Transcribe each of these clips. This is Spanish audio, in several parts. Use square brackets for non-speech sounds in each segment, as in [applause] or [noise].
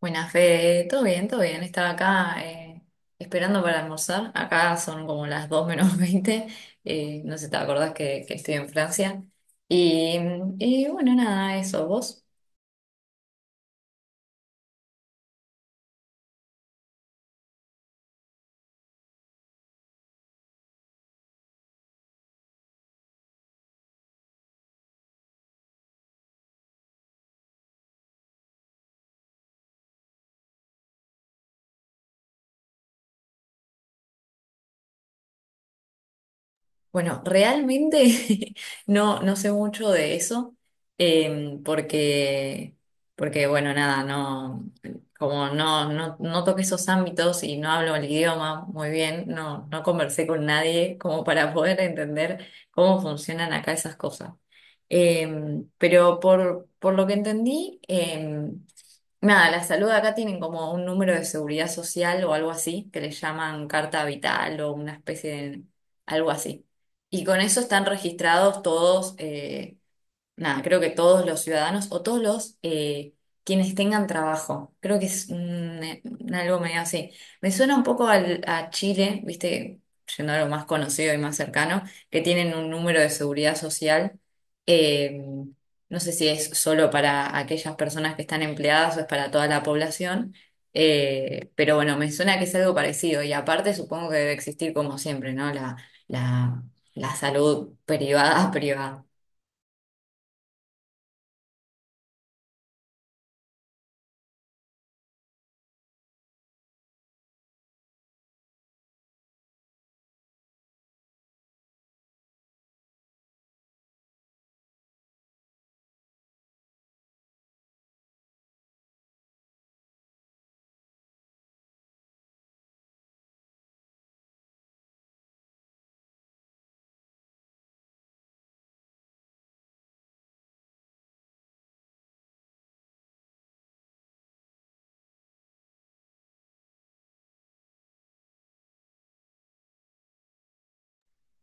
Buenas, Fede. Todo bien, todo bien. Estaba acá esperando para almorzar. Acá son como las 2 menos [laughs] 20. No sé si te acordás que estoy en Francia. Y, y bueno, nada, eso. ¿Vos? Bueno, realmente [laughs] no, no sé mucho de eso, em, porque, porque bueno, nada, no, como no, no, no toqué esos ámbitos y no hablo el idioma muy bien, no, no conversé con nadie como para poder entender cómo funcionan acá esas cosas. Pero por lo que entendí, nada, la salud acá tienen como un número de seguridad social o algo así, que le llaman carta vital o una especie de algo así. Y con eso están registrados todos nada, creo que todos los ciudadanos o todos los quienes tengan trabajo. Creo que es un algo medio así. Me suena un poco a Chile, viste, yendo a lo más conocido y más cercano, que tienen un número de seguridad social. eh, no sé si es solo para aquellas personas que están empleadas o es para toda la población. Pero bueno, me suena que es algo parecido. Y aparte supongo que debe existir como siempre, ¿no? La, la salud privada, [laughs] privada.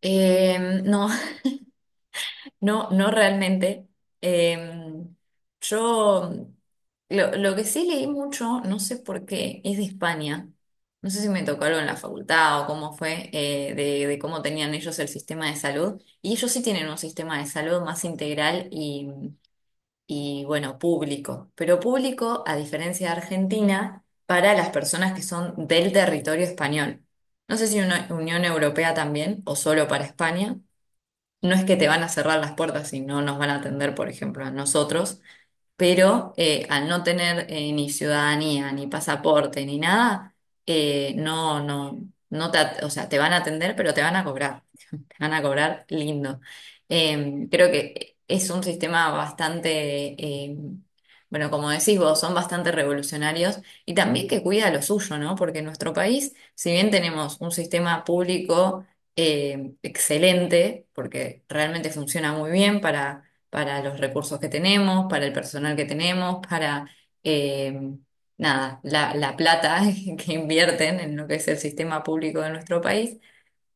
No, [laughs] no, no realmente. Em, yo lo que sí leí mucho, no sé por qué, es de España. No sé si me tocó algo en la facultad o cómo fue, de cómo tenían ellos el sistema de salud. Y ellos sí tienen un sistema de salud más integral y bueno, público. Pero público, a diferencia de Argentina, para las personas que son del territorio español. No sé si una Unión Europea también o solo para España, no es que te van a cerrar las puertas y no nos van a atender, por ejemplo, a nosotros, pero al no tener ni ciudadanía, ni pasaporte, ni nada, no, no, o sea, te van a atender, pero te van a cobrar lindo. Creo que es un sistema bastante, bueno, como decís vos, son bastante revolucionarios y también que cuida lo suyo, ¿no? Porque en nuestro país, si bien tenemos un sistema público excelente, porque realmente funciona muy bien para los recursos que tenemos, para el personal que tenemos, eh, nada, la plata [laughs] que invierten en lo que es el sistema público de nuestro país.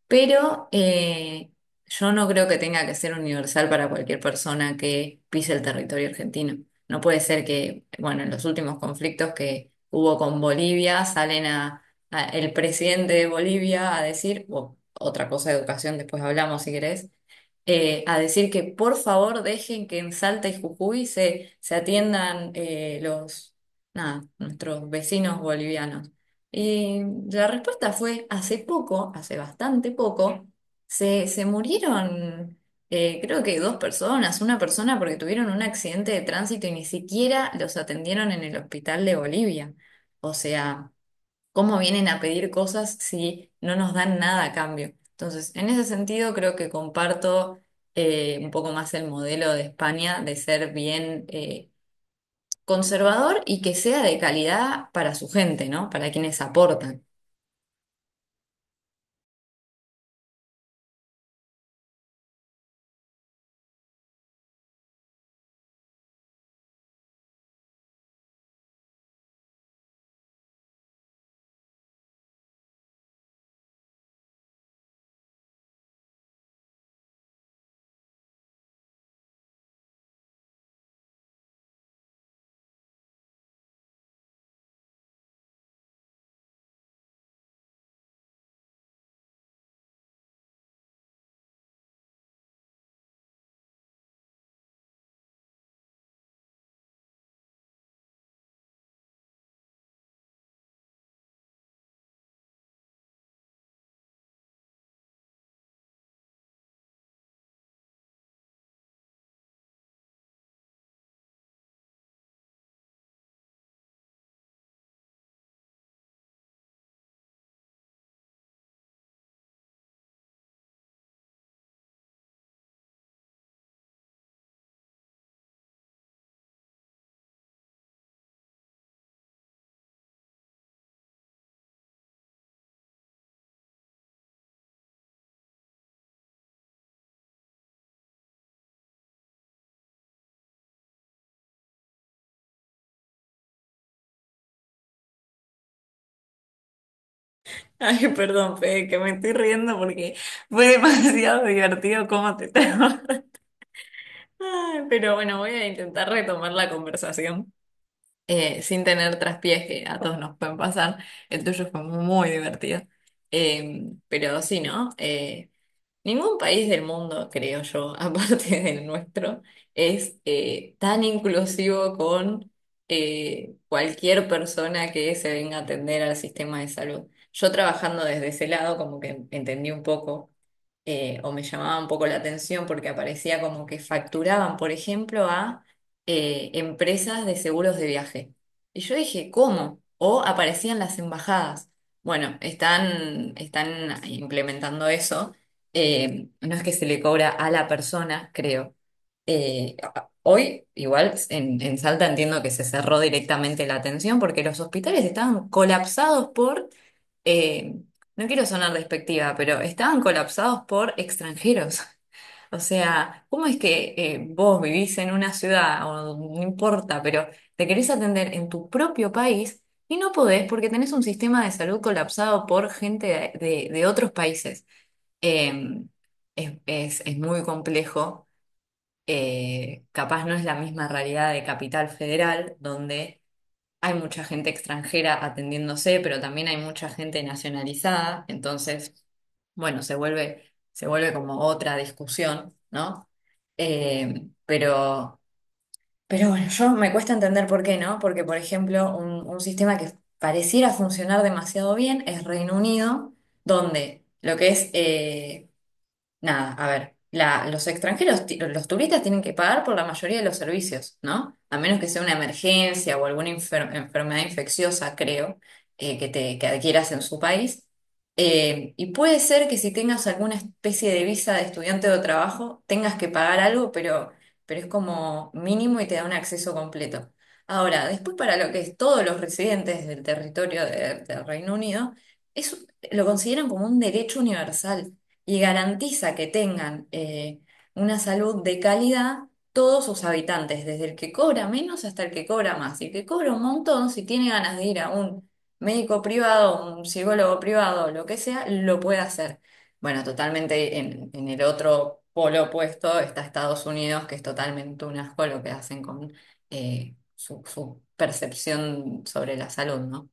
Pero yo no creo que tenga que ser universal para cualquier persona que pise el territorio argentino. No puede ser que, bueno, en los últimos conflictos que hubo con Bolivia, salen a, el presidente de Bolivia a decir, otra cosa de educación, después hablamos si querés, a decir que por favor dejen que en Salta y Jujuy se, se atiendan nada, nuestros vecinos bolivianos. Eh, la respuesta fue hace poco, hace bastante poco, se murieron creo que dos personas, una persona porque tuvieron un accidente de tránsito y ni siquiera los atendieron en el hospital de Bolivia. O sea, ¿cómo vienen a pedir cosas si no nos dan nada a cambio? Entonces, en ese sentido creo que comparto un poco más el modelo de España de ser bien conservador y que sea de calidad para su gente, ¿no? Para quienes aportan. Ay, perdón, Fede, que me estoy riendo porque fue demasiado [laughs] divertido cómo te trago. [laughs] Ay, pero bueno, voy a intentar retomar la conversación sin tener traspiés que a todos nos pueden pasar. El tuyo fue muy divertido. Pero sí, ¿no? Ningún país del mundo, creo yo, [laughs] aparte del nuestro, es tan inclusivo con cualquier persona que se venga a atender al sistema de salud. Yo trabajando desde ese lado, como que entendí un poco, o me llamaba un poco la atención porque aparecía como que facturaban, por ejemplo, a empresas de seguros de viaje. Y yo dije, ¿cómo? O aparecían las embajadas. Bueno, están implementando eso, no es que se le cobra a la persona, creo. Eh, Hoy, igual, en Salta entiendo que se cerró directamente la atención porque los hospitales estaban colapsados por, eh, no quiero sonar despectiva, pero estaban colapsados por extranjeros. [laughs] O sea, ¿cómo es que vos vivís en una ciudad, o no importa, pero te querés atender en tu propio país y no podés porque tenés un sistema de salud colapsado por gente de otros países? Eh, es muy complejo. Capaz no es la misma realidad de Capital Federal, donde hay mucha gente extranjera atendiéndose, pero también hay mucha gente nacionalizada. Entonces, bueno, se vuelve como otra discusión, ¿no? Eh, pero, pero bueno, yo me cuesta entender por qué, ¿no? Porque, por ejemplo, un sistema que pareciera funcionar demasiado bien es Reino Unido, donde lo que es nada, a ver, los extranjeros, los turistas tienen que pagar por la mayoría de los servicios, ¿no? A menos que sea una emergencia o alguna enfermedad infecciosa, creo, que adquieras en su país. Y puede ser que si tengas alguna especie de visa de estudiante o trabajo, tengas que pagar algo, pero es como mínimo y te da un acceso completo. Ahora, después para lo que es todos los residentes del territorio del Reino Unido, eso lo consideran como un derecho universal y garantiza que tengan una salud de calidad todos sus habitantes, desde el que cobra menos hasta el que cobra más. Y el que cobra un montón, si tiene ganas de ir a un médico privado, un psicólogo privado, lo que sea, lo puede hacer. Bueno, totalmente en el otro polo opuesto está Estados Unidos, que es totalmente un asco lo que hacen con su percepción sobre la salud, ¿no?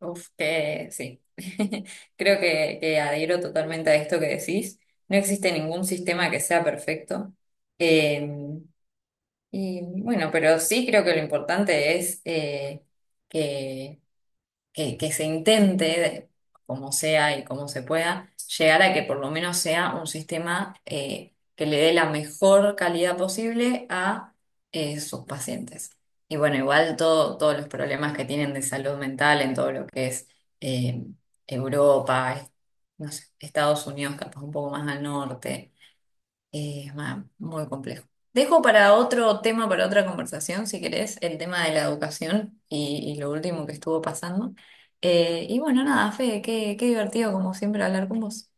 Uf, que sí. [laughs] Creo que adhiero totalmente a esto que decís. No existe ningún sistema que sea perfecto. Eh, y bueno, pero sí creo que lo importante es que que se intente, como sea y como se pueda, llegar a que por lo menos sea un sistema que le dé la mejor calidad posible a sus pacientes. Y bueno, igual todos los problemas que tienen de salud mental en todo lo que es eh, Europa, no sé, Estados Unidos, capaz un poco más al norte. Ah, muy complejo. Dejo para otro tema, para otra conversación, si querés, el tema de la educación y lo último que estuvo pasando. Y bueno, nada, Fede, qué divertido como siempre hablar con vos.